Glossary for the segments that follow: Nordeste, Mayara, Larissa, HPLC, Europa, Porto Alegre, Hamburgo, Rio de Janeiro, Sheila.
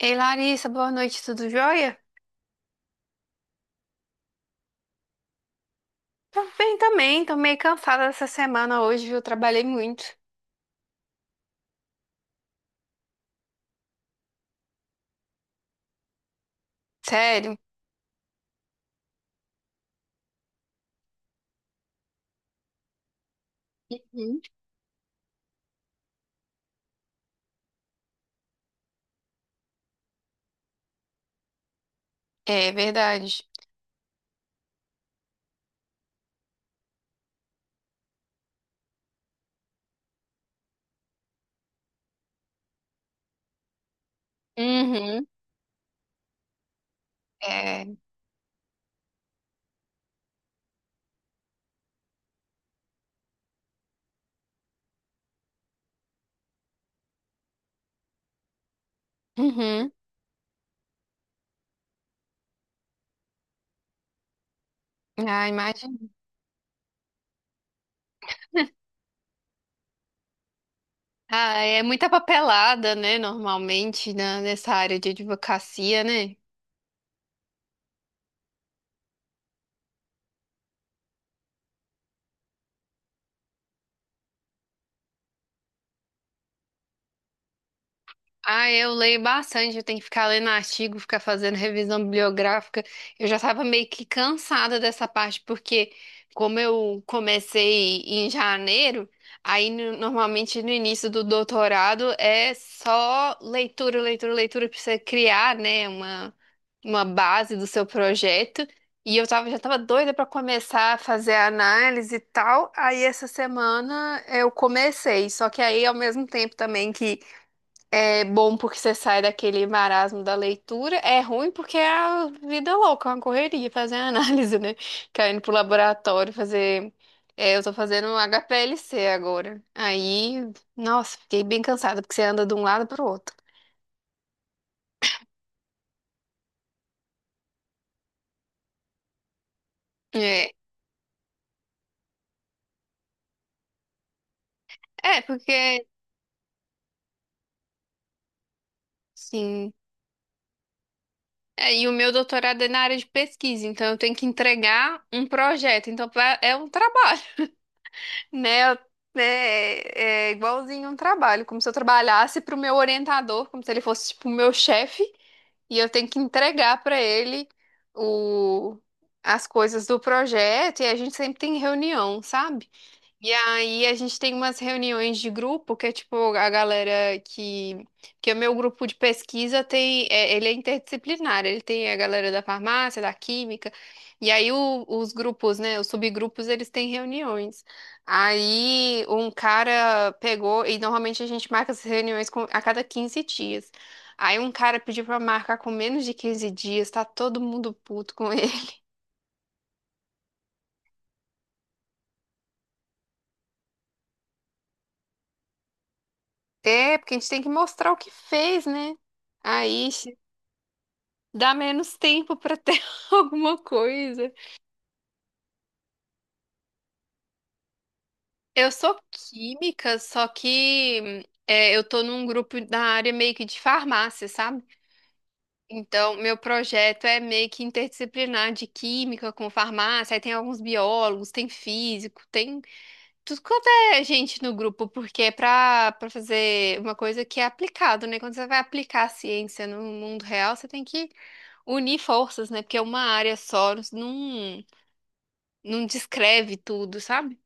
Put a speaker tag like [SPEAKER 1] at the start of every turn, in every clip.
[SPEAKER 1] Ei, Larissa, boa noite, tudo jóia? Tô bem também, tô meio cansada dessa semana hoje, viu, trabalhei muito. Sério. Uhum. É verdade. Uhum. É. Uhum. Ah, imagina. Ah, é muita papelada, né? Normalmente, nessa área de advocacia, né? Ah, eu leio bastante, eu tenho que ficar lendo artigo, ficar fazendo revisão bibliográfica. Eu já estava meio que cansada dessa parte, porque como eu comecei em janeiro, aí no- normalmente no início do doutorado é só leitura, leitura, leitura para você criar, né, uma base do seu projeto. E eu tava, já estava doida para começar a fazer a análise e tal. Aí essa semana eu comecei, só que aí ao mesmo tempo também que é bom porque você sai daquele marasmo da leitura, é ruim porque é a vida louca, é uma correria fazer análise, né? Caindo pro laboratório fazer. É, eu tô fazendo um HPLC agora. Aí, nossa, fiquei bem cansada porque você anda de um lado pro outro. É, é porque, sim. É, e o meu doutorado é na área de pesquisa, então eu tenho que entregar um projeto, então é um trabalho. Né? Né, é, é igualzinho um trabalho, como se eu trabalhasse para o meu orientador, como se ele fosse tipo o meu chefe, e eu tenho que entregar para ele o, as coisas do projeto, e a gente sempre tem reunião, sabe? E aí a gente tem umas reuniões de grupo que é tipo a galera que o meu grupo de pesquisa tem é, ele é interdisciplinar, ele tem a galera da farmácia, da química, e aí os grupos, né, os subgrupos, eles têm reuniões. Aí um cara pegou e normalmente a gente marca essas reuniões a cada 15 dias. Aí um cara pediu pra marcar com menos de 15 dias, tá todo mundo puto com ele. É, porque a gente tem que mostrar o que fez, né? Aí dá menos tempo para ter alguma coisa. Eu sou química, só que é, eu tô num grupo da área meio que de farmácia, sabe? Então, meu projeto é meio que interdisciplinar de química com farmácia. Aí tem alguns biólogos, tem físico, tem tudo quanto é gente no grupo, porque é pra, pra fazer uma coisa que é aplicado, né? Quando você vai aplicar a ciência no mundo real, você tem que unir forças, né? Porque uma área só não. Não descreve tudo, sabe?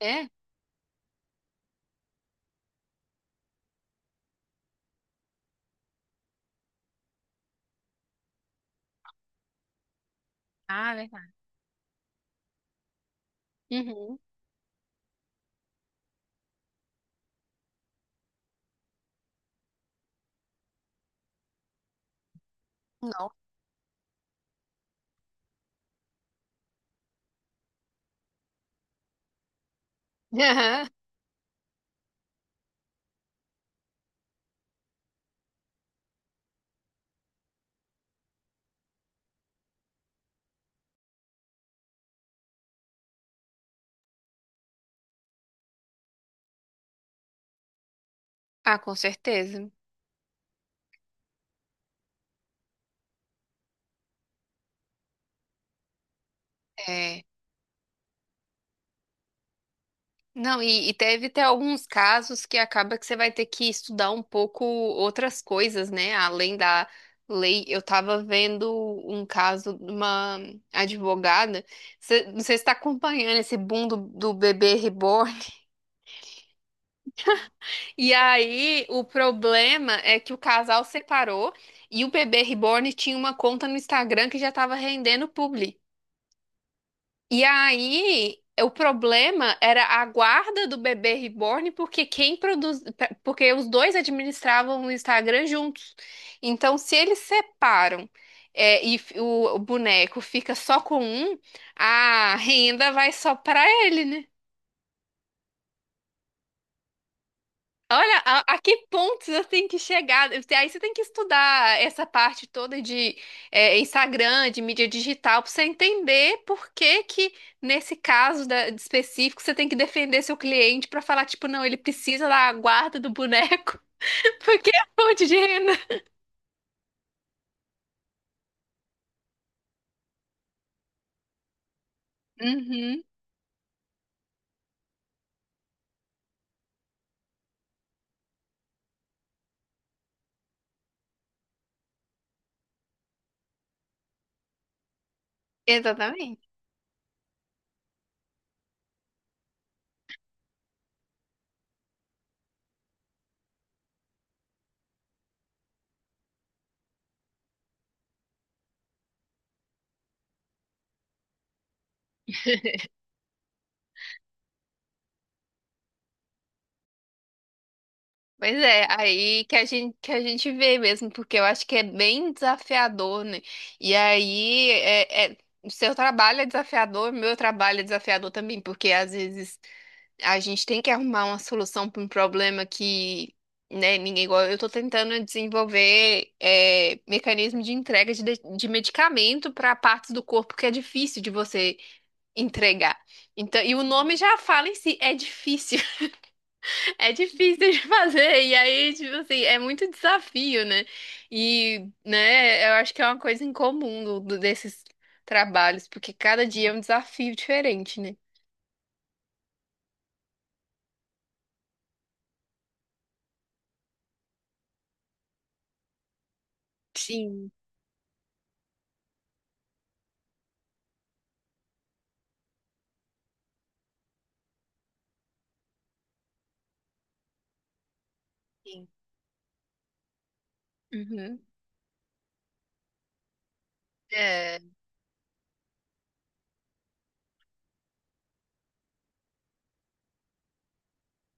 [SPEAKER 1] É. Ah, verdade. Uhum. Não. Aham. Ah, com certeza. É. Não, e deve ter alguns casos que acaba que você vai ter que estudar um pouco outras coisas, né? Além da lei. Eu tava vendo um caso de uma advogada. Você, não sei se está acompanhando esse boom do, do bebê reborn. E aí, o problema é que o casal separou e o bebê reborn tinha uma conta no Instagram que já estava rendendo publi. E aí, o problema era a guarda do bebê reborn, porque quem produz, porque os dois administravam o Instagram juntos. Então, se eles separam, é, e o boneco fica só com um, a renda vai só para ele, né? Olha, a que ponto você tem que chegar? Aí você tem que estudar essa parte toda de é, Instagram, de mídia digital, para você entender por que que, nesse caso de específico, você tem que defender seu cliente para falar, tipo, não, ele precisa da guarda do boneco, porque é fonte de renda. Uhum, exatamente. Mas é, aí que a gente vê mesmo, porque eu acho que é bem desafiador, né? E aí, é, o seu trabalho é desafiador, o meu trabalho é desafiador também, porque às vezes a gente tem que arrumar uma solução para um problema que, né, ninguém igual. Eu tô tentando desenvolver é, mecanismo de entrega de, de medicamento para partes do corpo que é difícil de você entregar. Então, e o nome já fala em si, é difícil. É difícil de fazer, e aí, tipo assim, é muito desafio, né? E, né, eu acho que é uma coisa em comum desses trabalhos, porque cada dia é um desafio diferente, né? Sim, sim. Uhum. É.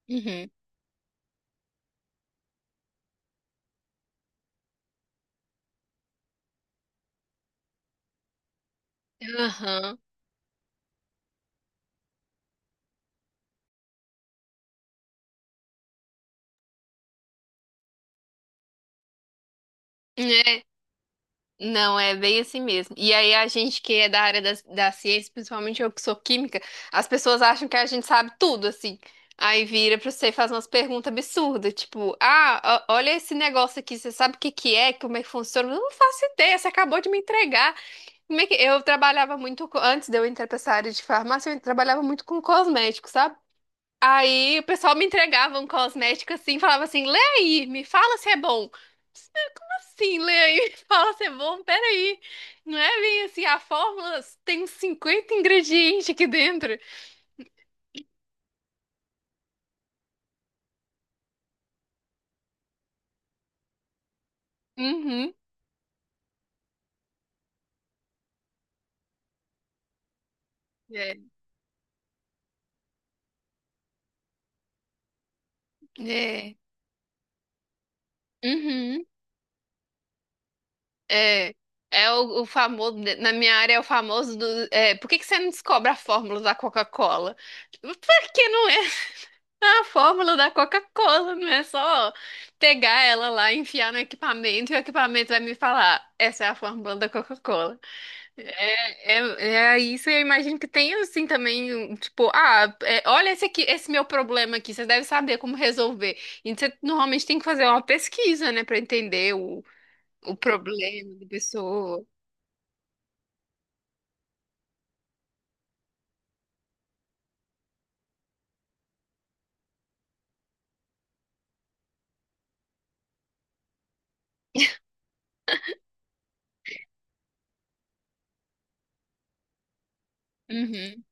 [SPEAKER 1] Uhum. Aham. É, não, é bem assim mesmo. E aí, a gente que é da área da, da ciência, principalmente eu que sou química, as pessoas acham que a gente sabe tudo, assim. Aí vira pra você e faz umas perguntas absurdas, tipo, ah, olha esse negócio aqui, você sabe o que que é, como é que funciona? Eu não faço ideia, você acabou de me entregar. Como é que... Eu trabalhava muito, antes de eu entrar pra essa área de farmácia, eu trabalhava muito com cosméticos, sabe? Aí o pessoal me entregava um cosmético assim, falava assim, lê aí, me fala se é bom. Sim, lê aí e fala se é bom. Peraí, não é bem assim, a fórmula tem uns 50 ingredientes aqui dentro. Uhum. É. É. Uhum. É. É o famoso, na minha área é o famoso do. É, por que que você não descobre a fórmula da Coca-Cola? Tipo, por que não é a fórmula da Coca-Cola? Não é só pegar ela lá, enfiar no equipamento e o equipamento vai me falar: essa é a fórmula da Coca-Cola. É, é isso, eu imagino que tem assim também, um, tipo, ah, é, olha esse aqui, esse meu problema aqui, você deve saber como resolver. E você normalmente tem que fazer uma pesquisa, né, pra entender o problema da pessoa. Uhum,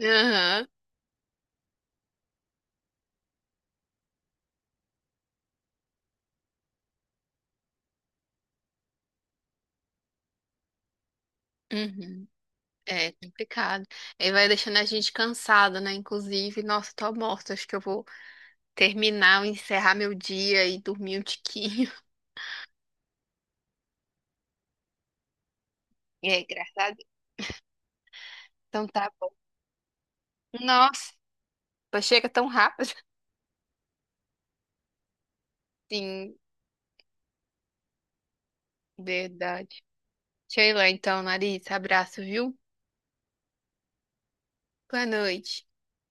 [SPEAKER 1] aham, uhum. É complicado. Aí vai deixando a gente cansada, né? Inclusive, nossa, tô morta, acho que eu vou terminar, encerrar meu dia e dormir um tiquinho. É, graças a Deus. Então tá bom. Nossa, chega tão rápido. Sim, verdade. Sheila, então, Larissa, abraço, viu? Boa noite.